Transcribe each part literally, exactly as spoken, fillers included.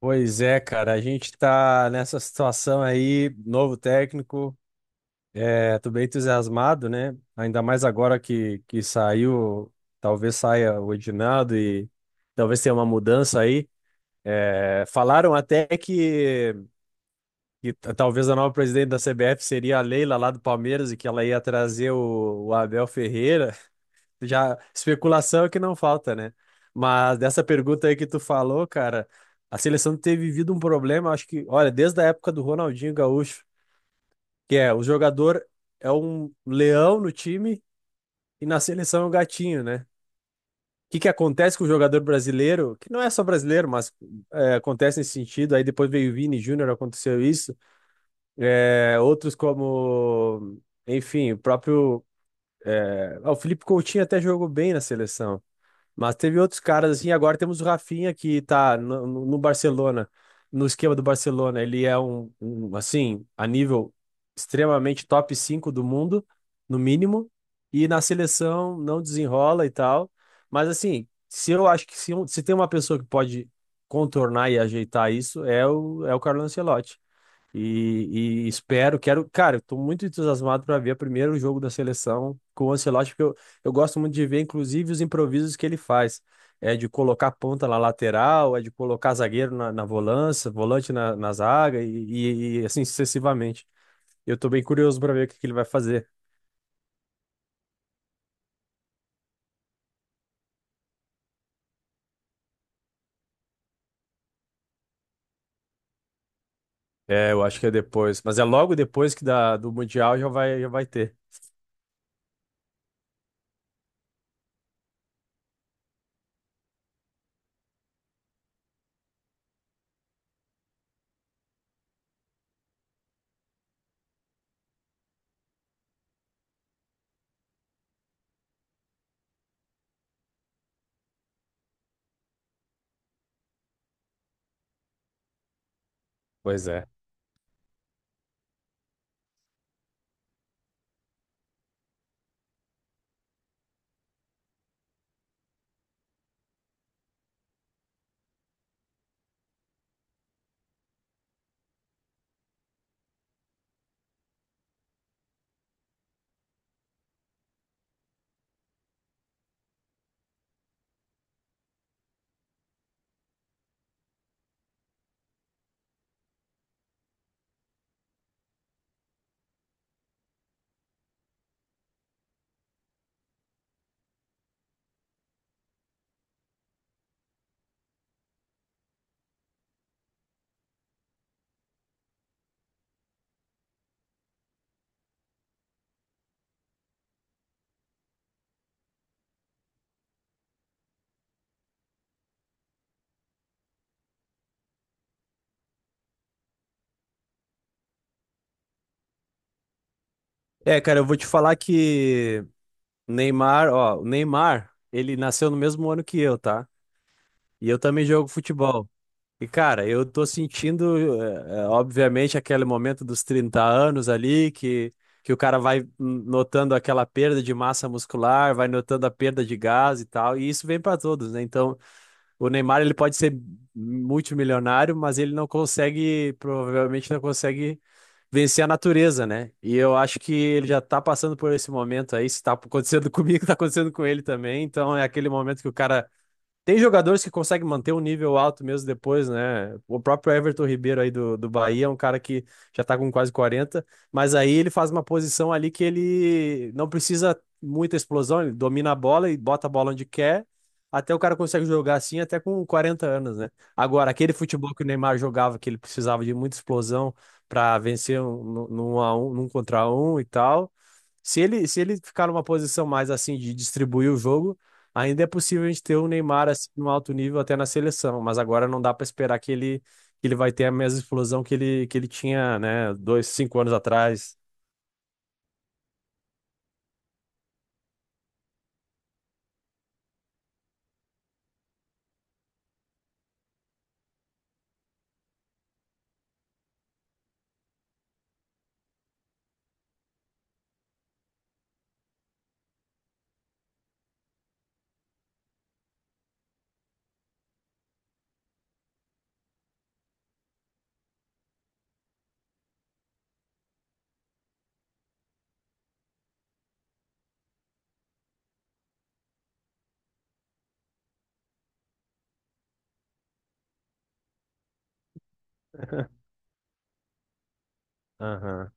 Pois é, cara, a gente tá nessa situação aí, novo técnico, é, tô bem entusiasmado, né? Ainda mais agora que, que saiu, talvez saia o Edinaldo e talvez tenha uma mudança aí. É, falaram até que, que t- talvez a nova presidente da C B F seria a Leila lá do Palmeiras e que ela ia trazer o, o Abel Ferreira. Já especulação é que não falta, né? Mas dessa pergunta aí que tu falou, cara, a seleção tem vivido um problema, acho que, olha, desde a época do Ronaldinho Gaúcho, que é o jogador é um leão no time e na seleção é um gatinho, né? O que que acontece com o jogador brasileiro, que não é só brasileiro, mas é, acontece nesse sentido, aí depois veio o Vini Júnior, aconteceu isso, é, outros como, enfim, o próprio, é, ah, o Felipe Coutinho até jogou bem na seleção. Mas teve outros caras assim. Agora temos o Rafinha que tá no, no- no Barcelona, no esquema do Barcelona. Ele é um, um, assim, a nível extremamente top cinco do mundo, no mínimo. E na seleção não desenrola e tal. Mas assim, se eu acho que se, um- se tem uma pessoa que pode contornar e ajeitar isso, é o, é o Carlo Ancelotti. E, e espero, quero, cara, eu tô muito entusiasmado para ver primeiro o jogo da seleção com o Ancelotti, porque eu, eu gosto muito de ver, inclusive, os improvisos que ele faz. É de colocar ponta na lateral, é de colocar zagueiro na, na volância, volante na, na zaga e, e- e assim sucessivamente. Eu tô bem curioso para ver o que, que ele vai fazer. É, eu acho que é depois, mas é logo depois que da, do Mundial já vai, já vai ter. Pois é. É, cara, eu vou te falar que Neymar, ó, o Neymar, ele nasceu no mesmo ano que eu, tá? E eu também jogo futebol. E, cara, eu tô sentindo, eh, eh, obviamente, aquele momento dos trinta anos ali, que, que o cara vai hum, notando aquela perda de massa muscular, vai notando a perda de gás e tal, e isso vem para todos, né? Então, o Neymar, ele pode ser multimilionário, mas ele não consegue, provavelmente não consegue vencer a natureza, né? E eu acho que ele já tá passando por esse momento aí, se tá acontecendo comigo, tá acontecendo com ele também, então é aquele momento que o cara tem jogadores que conseguem manter um nível alto mesmo depois, né? O próprio Everton Ribeiro aí do, do Bahia é um cara que já tá com quase quarenta, mas aí ele faz uma posição ali que ele não precisa muita explosão, ele domina a bola e bota a bola onde quer, até o cara consegue jogar assim até com quarenta anos, né? Agora, aquele futebol que o Neymar jogava, que ele precisava de muita explosão para vencer um, num, num a um, num contra um e tal, se ele, se ele ficar numa posição mais assim de distribuir o jogo. Ainda é possível a gente ter o Neymar assim, no alto nível até na seleção, mas agora não dá para esperar que ele, que ele vai ter a mesma explosão que ele, que ele tinha, né, dois, cinco anos atrás. Aham.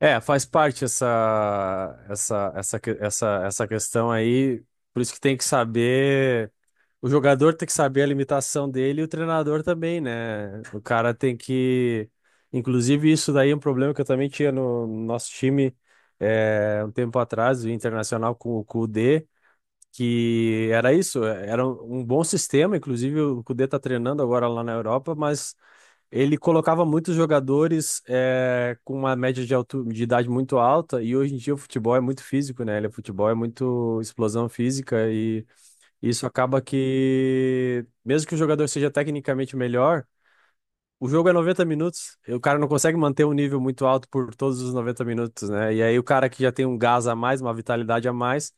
É, faz parte essa, essa, essa, que- essa, essa questão aí, por isso que tem que saber. O jogador tem que saber a limitação dele e o treinador também, né? O cara tem que. Inclusive, isso daí é um problema que eu também tinha no nosso time, é, um tempo atrás, o Internacional com o Kudê, que era isso, era um um bom sistema. Inclusive, o Kudê tá treinando agora lá na Europa, mas ele colocava muitos jogadores é, com uma média de, altu- de idade muito alta, e hoje em dia o futebol é muito físico, né? Ele, o futebol é muito explosão física, isso acaba que, mesmo que o jogador seja tecnicamente melhor, o jogo é noventa minutos, e o cara não consegue manter um nível muito alto por todos os noventa minutos, né? E aí o cara que já tem um gás a mais, uma vitalidade a mais,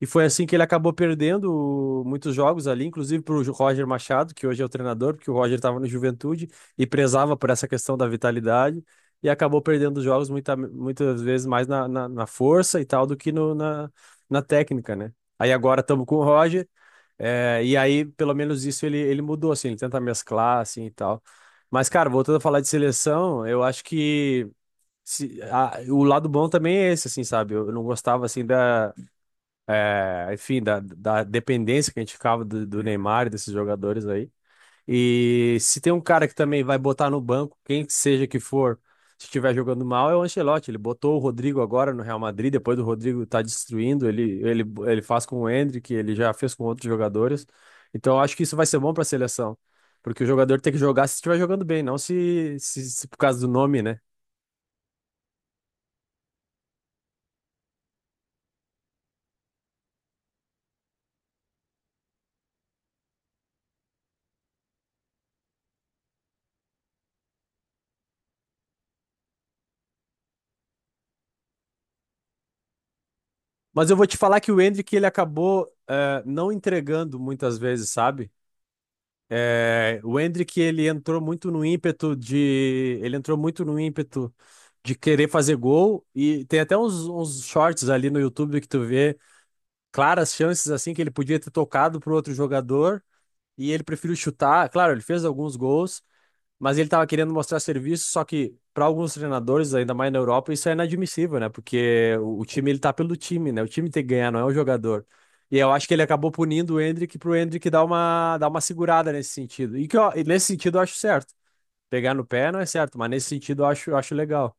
e foi assim que ele acabou perdendo muitos jogos ali, inclusive pro Roger Machado, que hoje é o treinador, porque o Roger estava no Juventude e prezava por essa questão da vitalidade, e acabou perdendo os jogos muita, muitas vezes mais na, na, na força e tal do que no, na, na técnica, né? Aí agora estamos com o Roger. É, e aí, pelo menos isso ele, ele mudou, assim, ele tenta mesclar, assim, e tal. Mas, cara, voltando a falar de seleção, eu acho que se- a- o lado bom também é esse, assim, sabe? Eu, eu não gostava, assim, da, é, enfim, da, da dependência que a gente ficava do, do Neymar e desses jogadores aí. E se tem um cara que também vai botar no banco, quem seja que for, se estiver jogando mal, é o Ancelotti. Ele botou o Rodrigo agora no Real Madrid, depois do Rodrigo tá destruindo, ele, ele, ele faz com o Endrick, ele já fez com outros jogadores. Então eu acho que isso vai ser bom para a seleção, porque o jogador tem que jogar se estiver jogando bem, não se, se, se por causa do nome, né? Mas eu vou te falar que o Endrick ele acabou eh, não entregando muitas vezes, sabe? É, o Endrick, ele entrou muito no ímpeto de, ele entrou muito no ímpeto de querer fazer gol e tem até uns, uns shorts ali no YouTube que tu vê claras chances assim que ele podia ter tocado pro outro jogador e ele preferiu chutar. Claro, ele fez alguns gols, mas ele estava querendo mostrar serviço, só que para alguns treinadores, ainda mais na Europa, isso é inadmissível, né? Porque o, o time ele tá pelo time, né? O time tem que ganhar, não é o jogador. E eu acho que ele acabou punindo o Endrick pro Endrick dar uma, dar uma segurada nesse sentido. E que eu- e nesse sentido eu acho certo. Pegar no pé não é certo, mas nesse sentido eu acho, eu acho legal.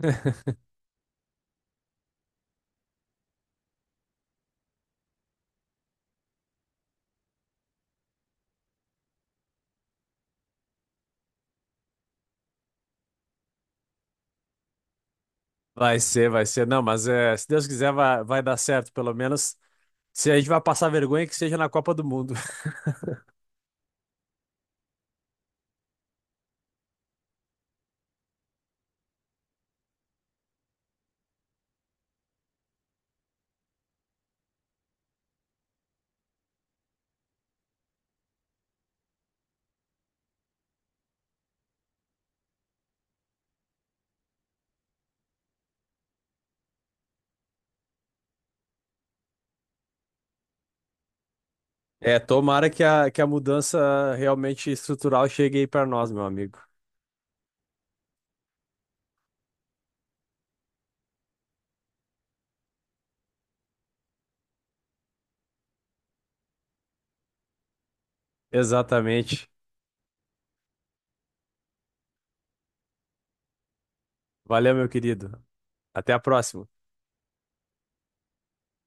Vai ser, vai ser. Não, mas é, se Deus quiser, vai, vai dar certo, pelo menos. Se a gente vai passar vergonha, que seja na Copa do Mundo. É, tomara que a, que a mudança realmente estrutural chegue aí para nós, meu amigo. Exatamente. Valeu, meu querido. Até a próxima.